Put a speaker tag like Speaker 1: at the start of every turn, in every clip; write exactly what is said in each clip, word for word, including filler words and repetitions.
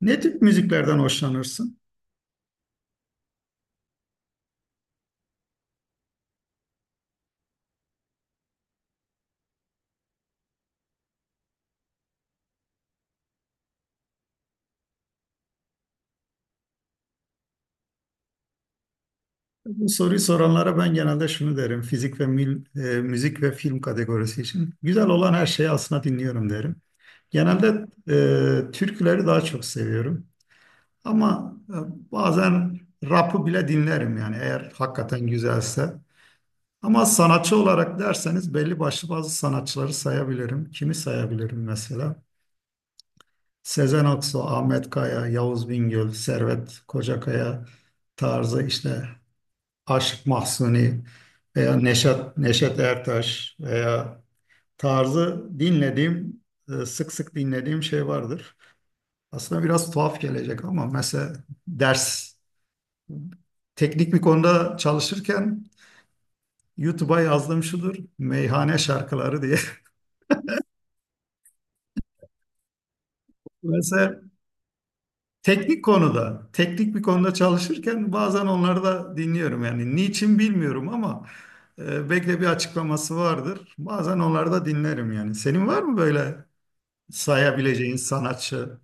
Speaker 1: Ne tip müziklerden hoşlanırsın? Bu soruyu soranlara ben genelde şunu derim. Fizik ve mil- e, Müzik ve film kategorisi için güzel olan her şeyi aslında dinliyorum derim. Genelde e, türküleri daha çok seviyorum. Ama e, bazen rap'ı bile dinlerim yani eğer hakikaten güzelse. Ama sanatçı olarak derseniz belli başlı bazı sanatçıları sayabilirim. Kimi sayabilirim mesela? Sezen Aksu, Ahmet Kaya, Yavuz Bingöl, Servet Kocakaya tarzı işte Aşık Mahzuni veya Neşet, Neşet Ertaş veya tarzı dinlediğim, e, sık sık dinlediğim şey vardır. Aslında biraz tuhaf gelecek ama mesela ders, teknik bir konuda çalışırken YouTube'a yazdığım şudur, meyhane şarkıları diye. Mesela teknik konuda, teknik bir konuda çalışırken bazen onları da dinliyorum. Yani niçin bilmiyorum ama e, belki de bir açıklaması vardır. Bazen onları da dinlerim yani. Senin var mı böyle sayabileceğin sanatçılar?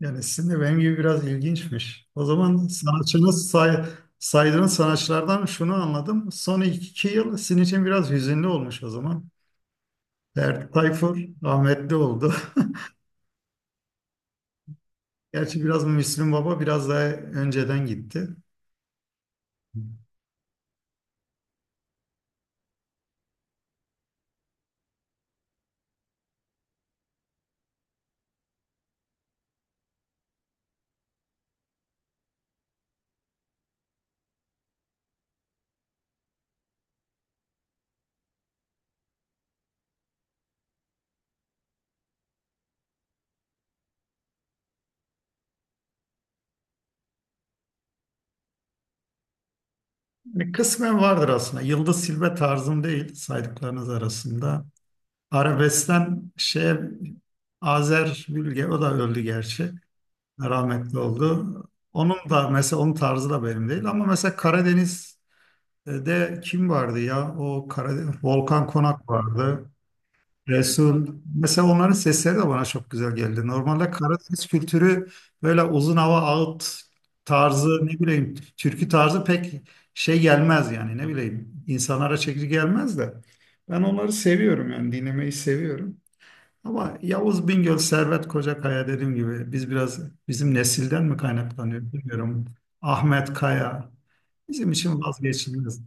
Speaker 1: Yani sizin de benim gibi biraz ilginçmiş. O zaman sanatçınız say, saydığınız sanatçılardan şunu anladım. Son iki yıl sizin için biraz hüzünlü olmuş o zaman. Ferdi Tayfur rahmetli oldu. Gerçi biraz Müslüm Baba biraz daha önceden gitti. Yani kısmen vardır aslında. Yıldız Silbe tarzım değil saydıklarınız arasında. Arabeskten şeye Azer Bülge o da öldü gerçi, rahmetli oldu. Onun da mesela onun tarzı da benim değil ama mesela Karadeniz'de kim vardı ya? O Karadeniz, Volkan Konak vardı. Resul. Mesela onların sesleri de bana çok güzel geldi. Normalde Karadeniz kültürü böyle uzun hava ağıt tarzı ne bileyim türkü tarzı pek şey gelmez yani ne bileyim insanlara çekici gelmez de ben onları seviyorum yani dinlemeyi seviyorum. Ama Yavuz Bingöl, Servet Kocakaya dediğim gibi biz biraz bizim nesilden mi kaynaklanıyor bilmiyorum. Ahmet Kaya bizim için vazgeçilmez.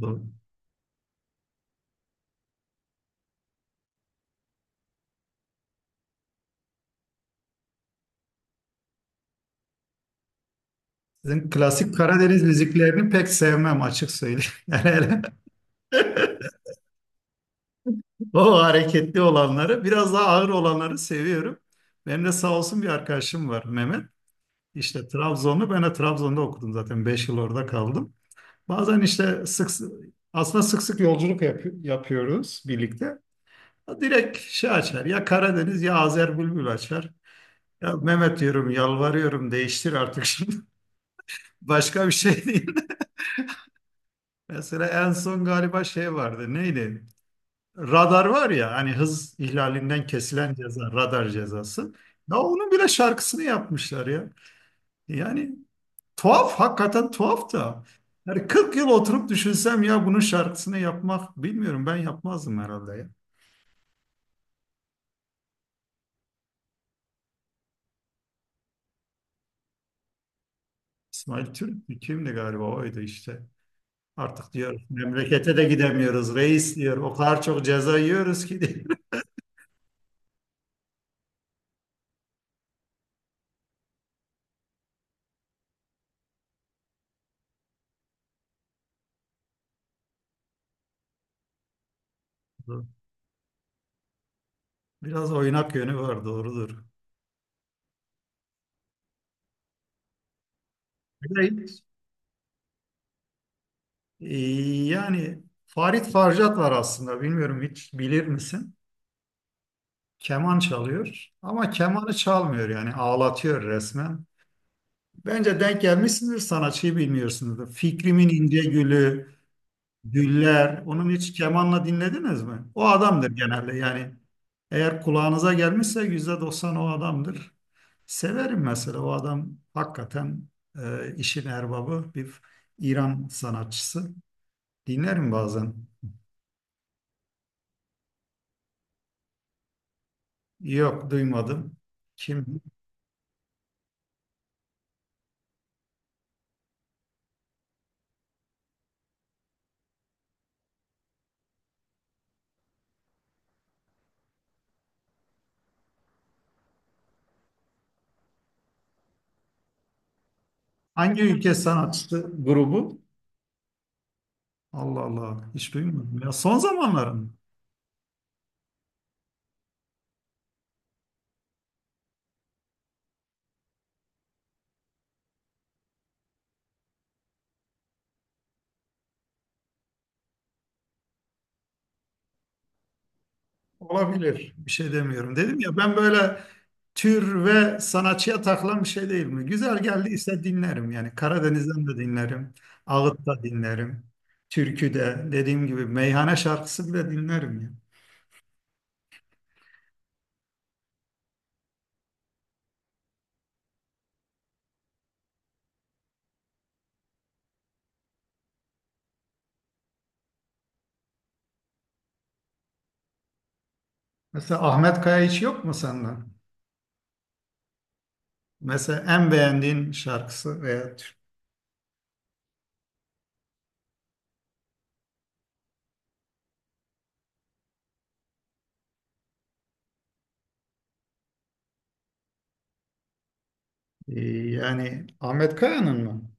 Speaker 1: Doğru. Sizin klasik Karadeniz müziklerini pek sevmem, açık söyleyeyim. Yani hele o hareketli olanları biraz daha ağır olanları seviyorum. Benim de sağ olsun bir arkadaşım var, Mehmet. İşte Trabzonlu, ben de Trabzon'da okudum zaten. Beş yıl orada kaldım. Bazen işte sık aslında sık sık yolculuk yapı- yapıyoruz birlikte. Direkt şey açar. Ya Karadeniz ya Azer Bülbül açar. Ya Mehmet diyorum, yalvarıyorum, değiştir artık şimdi. Başka bir şey değil. Mesela en son galiba şey vardı. Neydi? Radar var ya, hani hız ihlalinden kesilen ceza, radar cezası. Ya onun bile şarkısını yapmışlar ya. Yani tuhaf, hakikaten tuhaf da. Yani kırk yıl oturup düşünsem ya, bunun şarkısını yapmak, bilmiyorum, ben yapmazdım herhalde ya. İsmail Türk mü? Kimdi galiba, oydu işte. Artık diyor memlekete de gidemiyoruz reis diyor. O kadar çok ceza yiyoruz ki diyor. Biraz oynak yönü var, doğrudur. Bir de hiç- e, Yani Farid Farjat var aslında, bilmiyorum, hiç bilir misin? Keman çalıyor ama kemanı çalmıyor, yani ağlatıyor resmen. Bence denk gelmişsindir, sanatçıyı bilmiyorsunuzdur. Fikrimin İnce Gülü, Güller. Onun hiç kemanla dinlediniz mi? O adamdır genelde yani. Eğer kulağınıza gelmişse yüzde doksan o adamdır. Severim mesela, o adam hakikaten e, işin erbabı bir İran sanatçısı. Dinlerim bazen. Yok, duymadım. Kim? Hangi ülke sanatçısı, grubu? Allah Allah, hiç duymadım ya. Son zamanların. Olabilir. Bir şey demiyorum. Dedim ya, ben böyle tür ve sanatçıya takılan bir şey değil mi? Güzel geldiyse dinlerim yani. Karadeniz'den de dinlerim. Ağıt da dinlerim. Türkü de, dediğim gibi, meyhane şarkısı bile dinlerim ya. Mesela Ahmet Kaya hiç yok mu senden? Mesela en beğendiğin şarkısı veya tür- Ee, yani Ahmet Kaya'nın mı?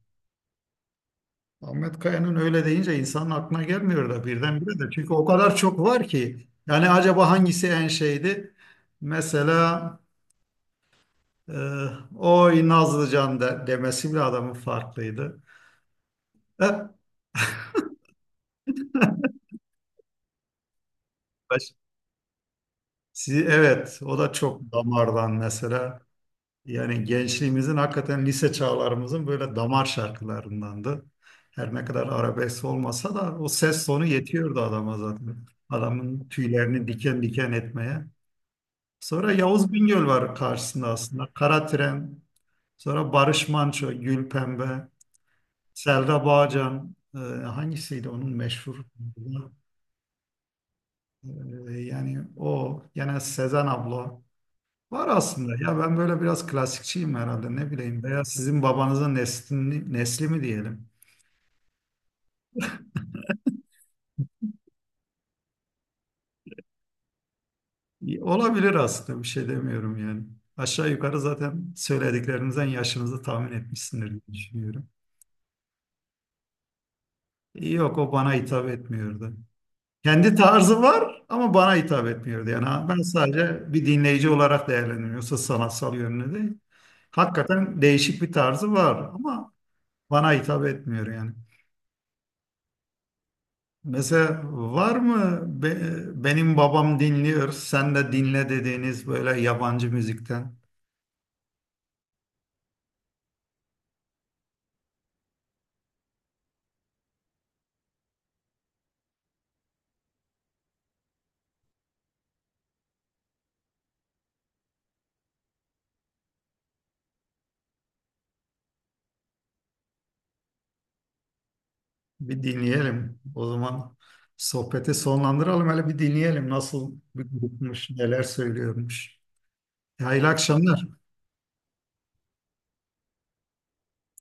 Speaker 1: Ahmet Kaya'nın öyle deyince insanın aklına gelmiyor da birdenbire de. Çünkü o kadar çok var ki. Yani acaba hangisi en şeydi? Mesela e, oy Nazlıcan de, demesi bile adamın farklıydı. E, baş- si- evet, o da çok damardan mesela. Yani gençliğimizin, hakikaten lise çağlarımızın böyle damar şarkılarındandı. Her ne kadar arabesk olmasa da o ses tonu yetiyordu adama zaten. Adamın tüylerini diken diken etmeye. Sonra Yavuz Bingöl var karşısında aslında. Karatren, sonra Barış Manço, Gülpembe, Selda Bağcan, e, hangisiydi onun meşhur? E, yani o, gene Sezen abla. Var aslında ya, ben böyle biraz klasikçiyim herhalde, ne bileyim, veya sizin babanızın neslini, nesli mi diyelim. E, olabilir aslında, bir şey demiyorum yani. Aşağı yukarı zaten söylediklerimizden yaşınızı tahmin etmişsindir diye düşünüyorum. E, Yok, o bana hitap etmiyordu. Kendi tarzı var ama bana hitap etmiyordu. Yani ha, ben sadece bir dinleyici olarak değerlendiriyorum. Yoksa sanatsal yönünü değil. Hakikaten değişik bir tarzı var ama bana hitap etmiyor yani. Mesela var mı be- benim babam dinliyor, sen de dinle dediğiniz böyle yabancı müzikten bir dinleyelim. O zaman sohbeti sonlandıralım, hele bir dinleyelim nasıl bir grupmuş, neler söylüyormuş. Hayırlı akşamlar.